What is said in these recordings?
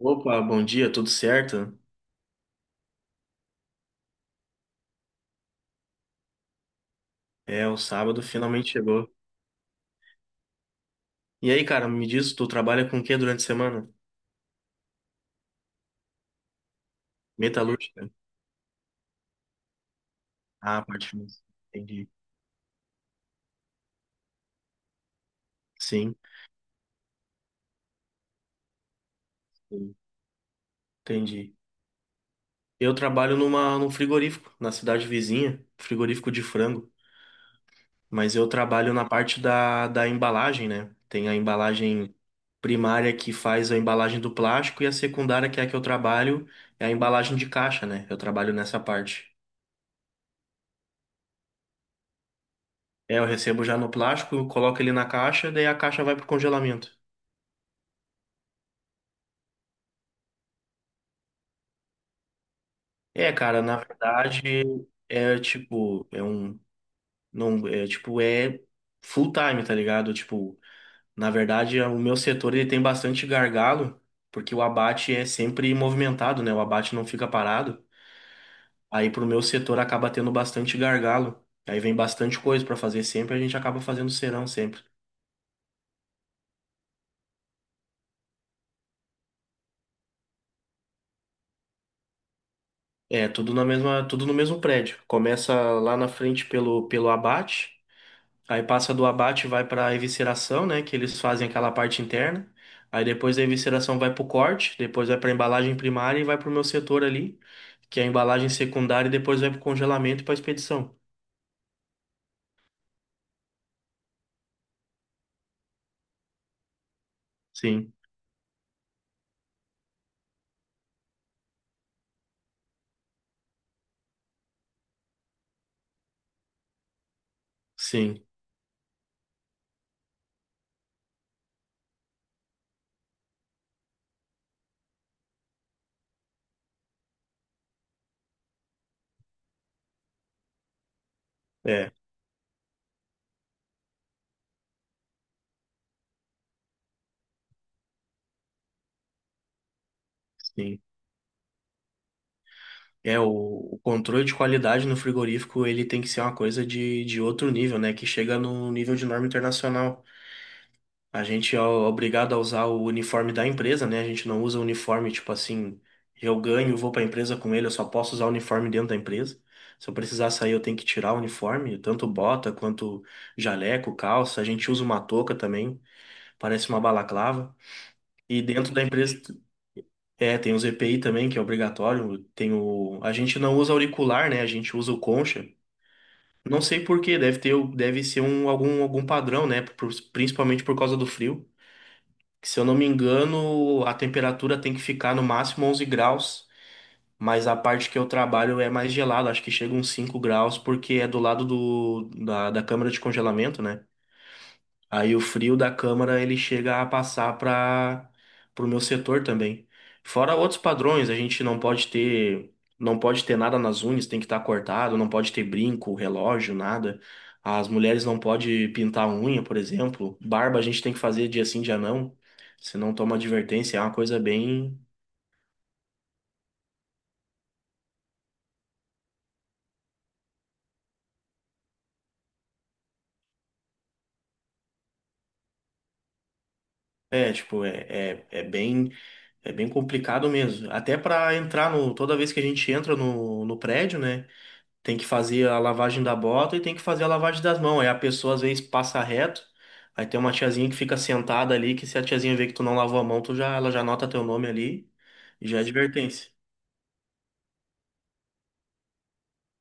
Opa, bom dia, tudo certo? É, o sábado finalmente chegou. E aí, cara, me diz, tu trabalha com o que durante a semana? Metalúrgica? Ah, parte financeira. Entendi. Sim, sim, entendi. Eu trabalho num frigorífico, na cidade vizinha, frigorífico de frango. Mas eu trabalho na parte da embalagem, né? Tem a embalagem primária que faz a embalagem do plástico e a secundária, que é a que eu trabalho, é a embalagem de caixa, né? Eu trabalho nessa parte. É, eu recebo já no plástico, eu coloco ele na caixa, daí a caixa vai pro congelamento. É, cara, na verdade é tipo, é um não é tipo é full time, tá ligado? Tipo, na verdade é, o meu setor ele tem bastante gargalo, porque o abate é sempre movimentado, né? O abate não fica parado. Aí pro meu setor acaba tendo bastante gargalo. Aí vem bastante coisa pra fazer sempre, a gente acaba fazendo serão sempre. É, tudo na mesma, tudo no mesmo prédio. Começa lá na frente pelo abate. Aí passa do abate, vai para a evisceração, né? Que eles fazem aquela parte interna. Aí depois da evisceração vai para o corte, depois vai para a embalagem primária e vai para o meu setor ali, que é a embalagem secundária, e depois vai para o congelamento e para a expedição. Sim, sim, é, sim. É, o controle de qualidade no frigorífico, ele tem que ser uma coisa de outro nível, né? Que chega no nível de norma internacional. A gente é obrigado a usar o uniforme da empresa, né? A gente não usa o uniforme, tipo assim, eu ganho, vou pra empresa com ele, eu só posso usar o uniforme dentro da empresa. Se eu precisar sair, eu tenho que tirar o uniforme, tanto bota quanto jaleco, calça. A gente usa uma touca também, parece uma balaclava. E dentro da empresa, é, tem os EPI também, que é obrigatório. Tem o... A gente não usa auricular, né? A gente usa o concha. Não sei por quê, deve ter, deve ser um, algum, algum padrão, né? Principalmente por causa do frio. Que, se eu não me engano, a temperatura tem que ficar no máximo 11 graus, mas a parte que eu trabalho é mais gelada, acho que chega uns 5 graus, porque é do lado da câmara de congelamento, né? Aí o frio da câmara ele chega a passar para o meu setor também. Fora outros padrões, a gente não pode ter nada nas unhas, tem que estar cortado, não pode ter brinco, relógio, nada. As mulheres não podem pintar a unha, por exemplo. Barba a gente tem que fazer dia sim, dia não. Se não toma advertência, é uma coisa bem... É, tipo, é, é, é bem complicado mesmo. Até para entrar no toda vez que a gente entra no prédio, né? Tem que fazer a lavagem da bota e tem que fazer a lavagem das mãos. Aí a pessoa às vezes passa reto, aí tem uma tiazinha que fica sentada ali, que se a tiazinha vê que tu não lavou a mão, ela já anota teu nome ali e já é advertência.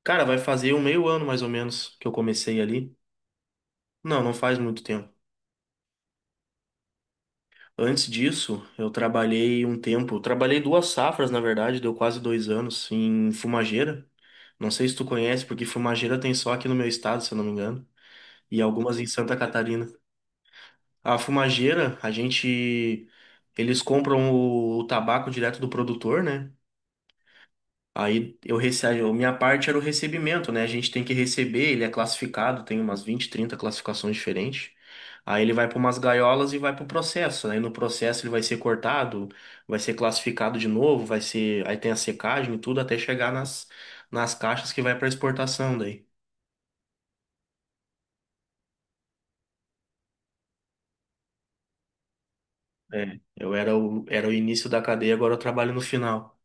Cara, vai fazer um meio ano mais ou menos que eu comecei ali. Não, não faz muito tempo. Antes disso, eu trabalhei um tempo, trabalhei duas safras, na verdade, deu quase dois anos em Fumageira. Não sei se tu conhece, porque Fumageira tem só aqui no meu estado, se eu não me engano, e algumas em Santa Catarina. A fumageira, a gente. Eles compram o tabaco direto do produtor, né? Aí eu recebo. Minha parte era o recebimento, né? A gente tem que receber, ele é classificado, tem umas 20, 30 classificações diferentes. Aí ele vai para umas gaiolas e vai para o processo, né? Aí no processo ele vai ser cortado, vai ser classificado de novo, vai ser. Aí tem a secagem e tudo até chegar nas caixas que vai para exportação daí. É, eu era era o início da cadeia, agora eu trabalho no final.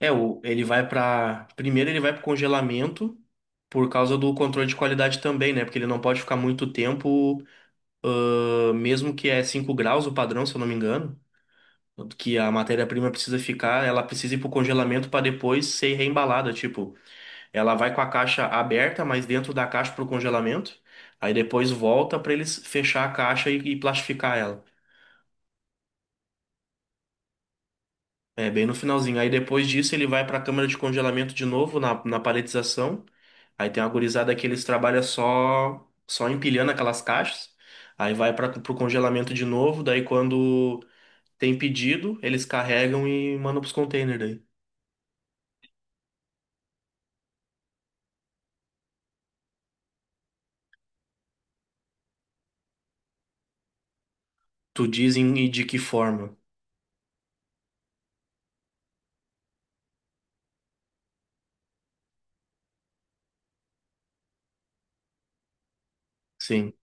É, o, ele vai para. Primeiro, ele vai para congelamento por causa do controle de qualidade também, né? Porque ele não pode ficar muito tempo, mesmo que é 5 graus o padrão, se eu não me engano, que a matéria-prima precisa ficar, ela precisa ir para o congelamento para depois ser reembalada. Tipo, ela vai com a caixa aberta, mas dentro da caixa para o congelamento, aí depois volta para eles fechar a caixa e plastificar ela. É, bem no finalzinho. Aí depois disso ele vai para a câmara de congelamento de novo, na paletização. Aí tem uma gurizada que eles trabalham só empilhando aquelas caixas. Aí vai para pro congelamento de novo, daí quando tem pedido, eles carregam e mandam pros containers daí. Tu dizem e de que forma? Sim.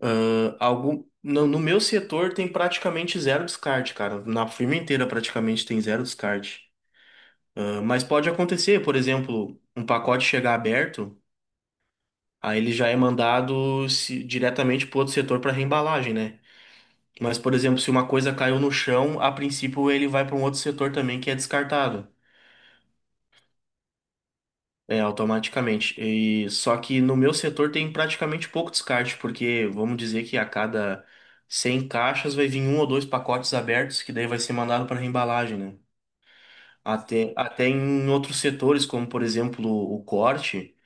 Ah, algum no meu setor tem praticamente zero descarte, cara. Na firma inteira praticamente tem zero descarte. Ah, mas pode acontecer, por exemplo, um pacote chegar aberto, aí ele já é mandado diretamente pro outro setor para reembalagem, né? Mas, por exemplo, se uma coisa caiu no chão, a princípio ele vai para um outro setor também que é descartado, é, automaticamente. E só que no meu setor tem praticamente pouco descarte, porque vamos dizer que a cada 100 caixas vai vir um ou dois pacotes abertos, que daí vai ser mandado para reembalagem, né? Até em outros setores, como por exemplo o corte,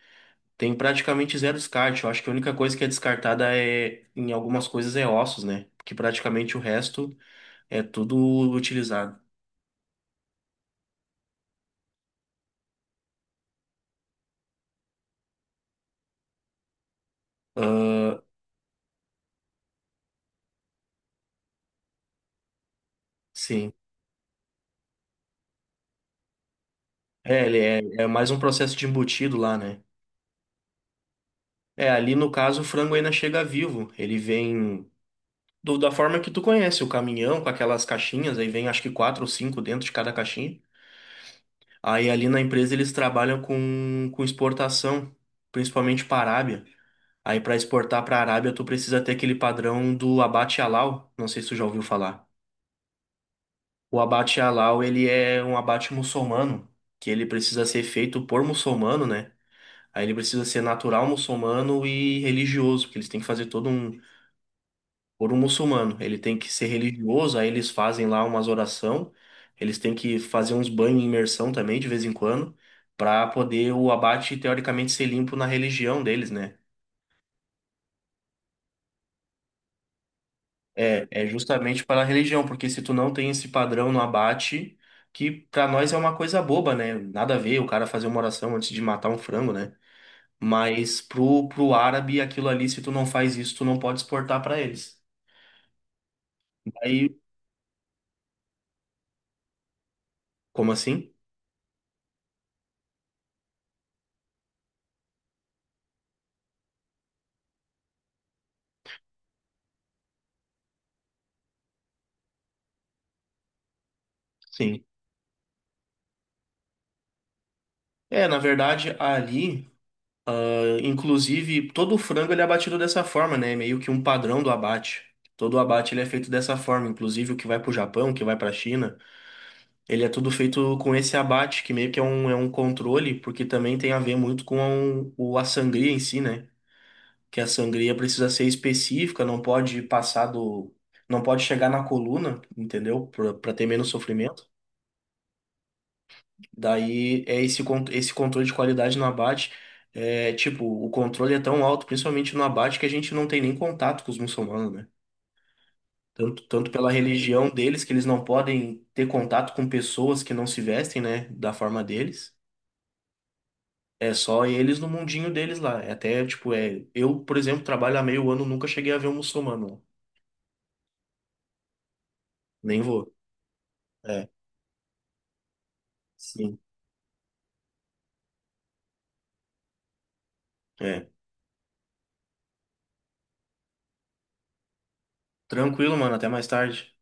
tem praticamente zero descarte. Eu acho que a única coisa que é descartada é, em algumas coisas é ossos, né? Porque praticamente o resto é tudo utilizado. Sim. É, ele é, é mais um processo de embutido lá, né? É, ali no caso o frango ainda chega vivo. Ele vem da forma que tu conhece, o caminhão com aquelas caixinhas, aí vem acho que quatro ou cinco dentro de cada caixinha. Aí ali na empresa eles trabalham com exportação, principalmente para a Arábia. Aí para exportar para a Arábia tu precisa ter aquele padrão do abate halal, não sei se tu já ouviu falar. O abate halal ele é um abate muçulmano, que ele precisa ser feito por muçulmano, né? Aí ele precisa ser natural muçulmano e religioso, porque eles têm que fazer todo um por um muçulmano. Ele tem que ser religioso, aí eles fazem lá umas oração, eles têm que fazer uns banhos em imersão também de vez em quando, para poder o abate teoricamente ser limpo na religião deles, né? É, é justamente pela religião, porque se tu não tem esse padrão no abate, que para nós é uma coisa boba, né? Nada a ver o cara fazer uma oração antes de matar um frango, né? Mas pro árabe, aquilo ali, se tu não faz isso, tu não pode exportar para eles. Aí, como assim? Sim. É, na verdade, ali, inclusive, todo o frango ele é abatido dessa forma, né? É meio que um padrão do abate. Todo o abate ele é feito dessa forma, inclusive o que vai para o Japão, o que vai para a China, ele é tudo feito com esse abate, que meio que é um controle, porque também tem a ver muito com a sangria em si, né? Que a sangria precisa ser específica, não pode passar do, não pode chegar na coluna, entendeu? Para ter menos sofrimento. Daí é esse, esse controle de qualidade no abate. É, tipo, o controle é tão alto, principalmente no abate, que a gente não tem nem contato com os muçulmanos, né? Tanto pela religião deles, que eles não podem ter contato com pessoas que não se vestem, né? Da forma deles. É só eles no mundinho deles lá. É até, tipo, é. Eu, por exemplo, trabalho há meio ano, nunca cheguei a ver um muçulmano lá. Nem vou. É, sim. É. Tranquilo, mano. Até mais tarde.